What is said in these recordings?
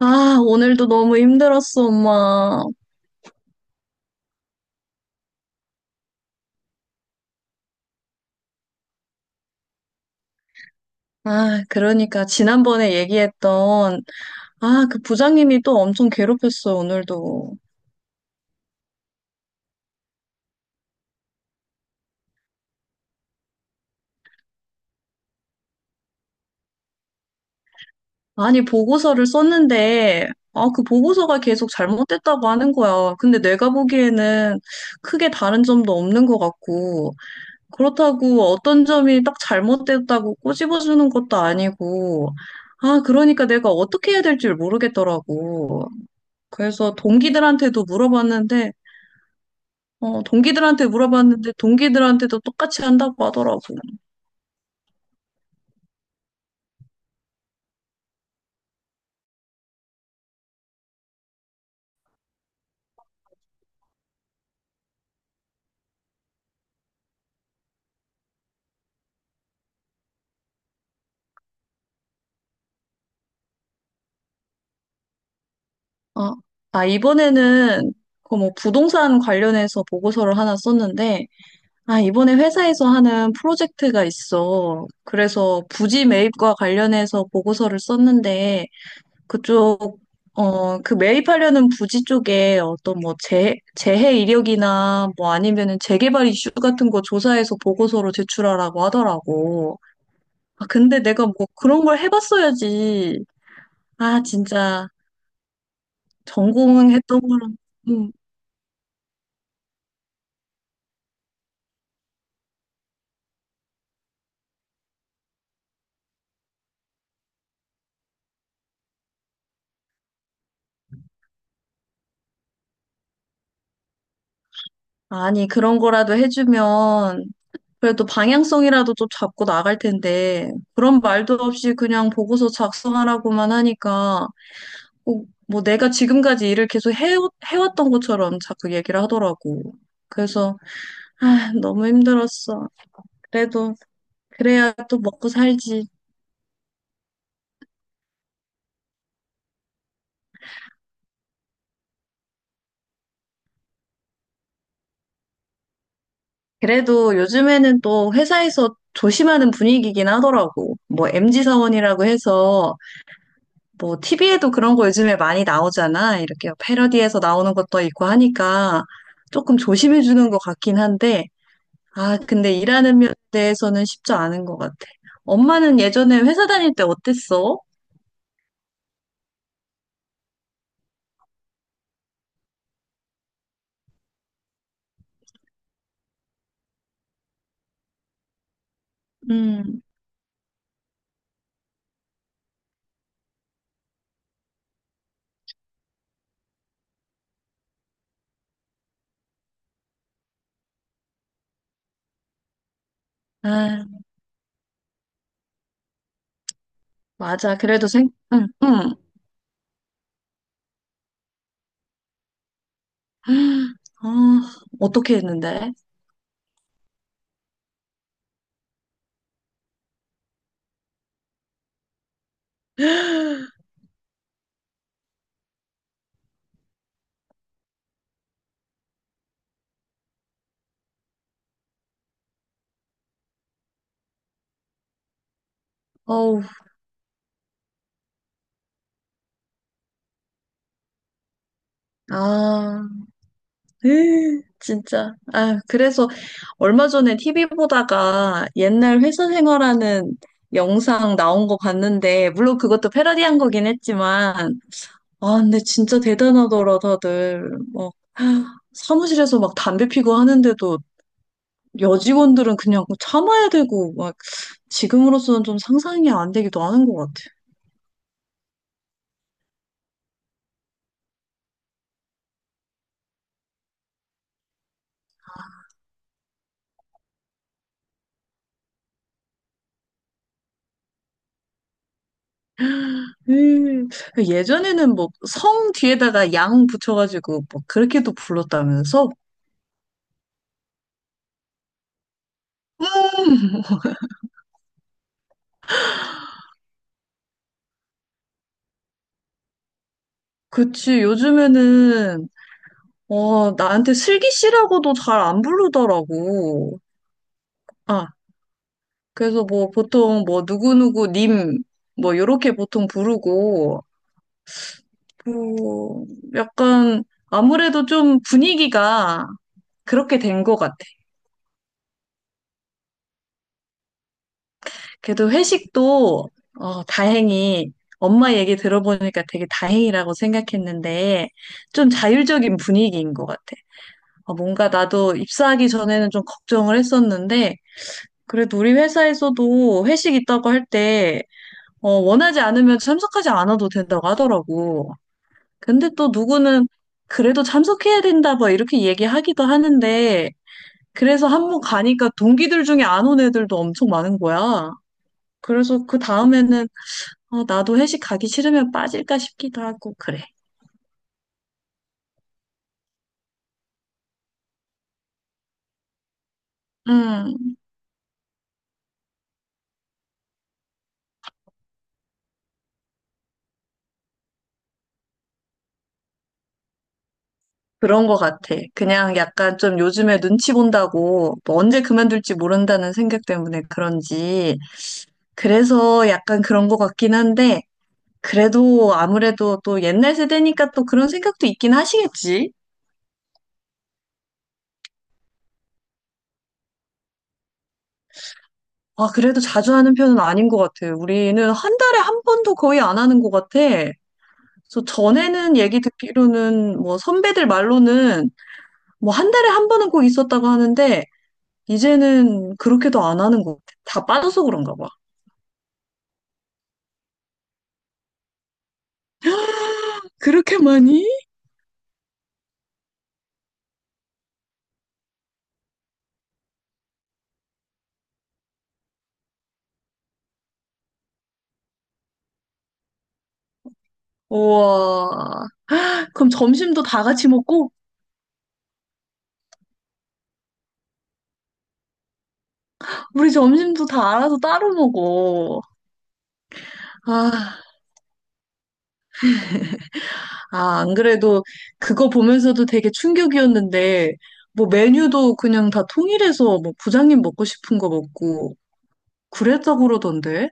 오늘도 너무 힘들었어, 엄마. 그러니까 지난번에 얘기했던 그 부장님이 또 엄청 괴롭혔어, 오늘도. 아니, 보고서를 썼는데 그 보고서가 계속 잘못됐다고 하는 거야. 근데 내가 보기에는 크게 다른 점도 없는 것 같고 그렇다고 어떤 점이 딱 잘못됐다고 꼬집어주는 것도 아니고 그러니까 내가 어떻게 해야 될지 모르겠더라고. 그래서 동기들한테도 물어봤는데 동기들한테 물어봤는데 동기들한테도 똑같이 한다고 하더라고. 아, 이번에는 그 뭐 부동산 관련해서 보고서를 하나 썼는데, 이번에 회사에서 하는 프로젝트가 있어. 그래서 부지 매입과 관련해서 보고서를 썼는데, 그쪽, 그 매입하려는 부지 쪽에 어떤 뭐 재해 이력이나 뭐 아니면은 재개발 이슈 같은 거 조사해서 보고서로 제출하라고 하더라고. 근데 내가 뭐 그런 걸 해봤어야지. 진짜 전공했던 거랑, 음, 아니, 그런 거라도 해주면 그래도 방향성이라도 좀 잡고 나갈 텐데, 그런 말도 없이 그냥 보고서 작성하라고만 하니까, 뭐 내가 지금까지 일을 계속 해왔던 것처럼 자꾸 얘기를 하더라고. 그래서, 너무 힘들었어. 그래도, 그래야 또 먹고 살지. 그래도 요즘에는 또 회사에서 조심하는 분위기긴 하더라고. 뭐, MZ 사원이라고 해서, 뭐 TV에도 그런 거 요즘에 많이 나오잖아. 이렇게 패러디에서 나오는 것도 있고 하니까 조금 조심해 주는 것 같긴 한데, 근데 일하는 면에 대해서는 쉽지 않은 것 같아. 엄마는 예전에 회사 다닐 때 어땠어? 음, 아, 맞아. 그래도 응, 응. 아, 어떻게 했는데? 어우, 아. 에이, 진짜. 아, 그래서 얼마 전에 TV 보다가 옛날 회사 생활하는 영상 나온 거 봤는데, 물론 그것도 패러디한 거긴 했지만, 근데 진짜 대단하더라, 다들. 막, 사무실에서 막 담배 피고 하는데도 여직원들은 그냥 참아야 되고, 막, 지금으로서는 좀 상상이 안 되기도 하는 것 같아. 음, 예전에는 뭐, 성 뒤에다가 양 붙여가지고, 뭐, 그렇게도 불렀다면서? 음. 그치, 요즘에는, 어, 나한테 슬기 씨라고도 잘 안 부르더라고. 아, 그래서 뭐 보통 뭐 누구누구 님, 뭐 요렇게 보통 부르고, 뭐, 약간 아무래도 좀 분위기가 그렇게 된 것 같아. 그래도 회식도, 어, 다행히 엄마 얘기 들어보니까 되게 다행이라고 생각했는데, 좀 자율적인 분위기인 것 같아. 어, 뭔가 나도 입사하기 전에는 좀 걱정을 했었는데, 그래도 우리 회사에서도 회식 있다고 할 때, 어, 원하지 않으면 참석하지 않아도 된다고 하더라고. 근데 또 누구는 그래도 참석해야 된다, 뭐, 이렇게 얘기하기도 하는데, 그래서 한 번 가니까 동기들 중에 안 온 애들도 엄청 많은 거야. 그래서 그 다음에는, 어, 나도 회식 가기 싫으면 빠질까 싶기도 하고, 그래. 음, 그런 거 같아. 그냥 약간 좀 요즘에 눈치 본다고, 뭐 언제 그만둘지 모른다는 생각 때문에 그런지, 그래서 약간 그런 것 같긴 한데, 그래도 아무래도 또 옛날 세대니까 또 그런 생각도 있긴 하시겠지? 아, 그래도 자주 하는 편은 아닌 것 같아요. 우리는 한 달에 한 번도 거의 안 하는 것 같아. 그래서 전에는 얘기 듣기로는 뭐 선배들 말로는 뭐 한 달에 한 번은 꼭 있었다고 하는데, 이제는 그렇게도 안 하는 것 같아. 다 빠져서 그런가 봐. 그렇게 많이? 우와. 그럼 점심도 다 같이 먹고, 우리 점심도 다 알아서 따로 먹어. 아. 안 그래도 그거 보면서도 되게 충격이었는데, 뭐 메뉴도 그냥 다 통일해서 뭐 부장님 먹고 싶은 거 먹고 그랬다고 그러던데?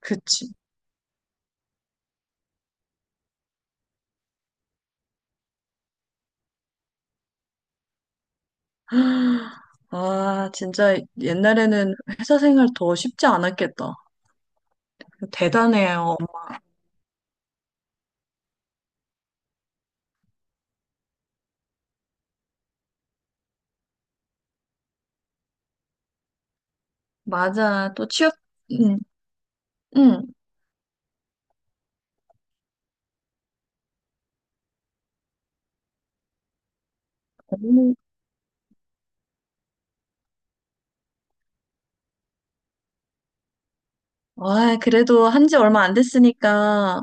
그치. 진짜 옛날에는 회사 생활 더 쉽지 않았겠다. 대단해요. 맞아. 또 응, 응. 어머니. 그래도 한지 얼마 안 됐으니까,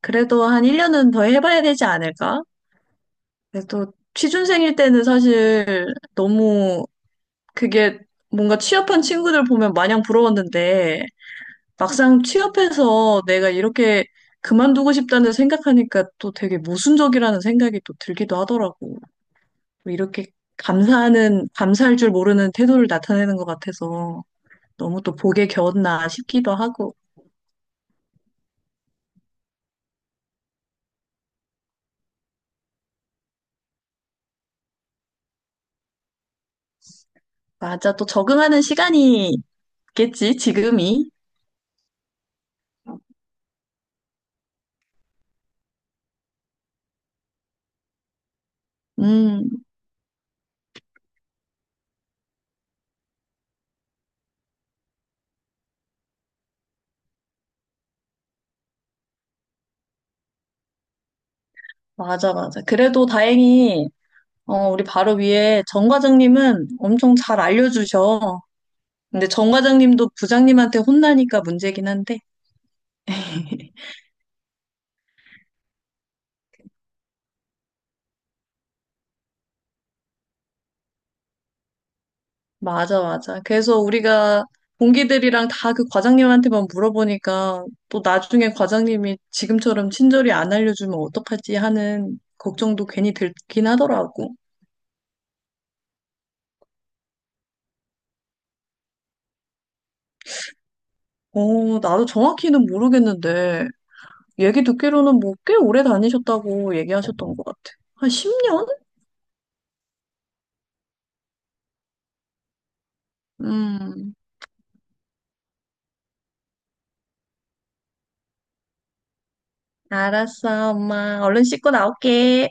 그래도 한 1년은 더 해봐야 되지 않을까? 그래도 취준생일 때는 사실 너무 그게 뭔가 취업한 친구들 보면 마냥 부러웠는데 막상 취업해서 내가 이렇게 그만두고 싶다는 생각하니까 또 되게 모순적이라는 생각이 또 들기도 하더라고. 뭐 이렇게 감사할 줄 모르는 태도를 나타내는 것 같아서 너무 또 복에 겨웠나 싶기도 하고. 맞아. 또 적응하는 시간이 있겠지, 지금이. 음, 맞아, 맞아. 그래도 다행히, 어, 우리 바로 위에 정 과장님은 엄청 잘 알려주셔. 근데 정 과장님도 부장님한테 혼나니까 문제긴 한데. 맞아, 맞아. 그래서 우리가 동기들이랑 다 그 과장님한테만 물어보니까 또 나중에 과장님이 지금처럼 친절히 안 알려주면 어떡하지 하는 걱정도 괜히 들긴 하더라고. 어, 나도 정확히는 모르겠는데 얘기 듣기로는 뭐 꽤 오래 다니셨다고 얘기하셨던 것 같아. 한 10년? 음, 알았어, 엄마. 얼른 씻고 나올게.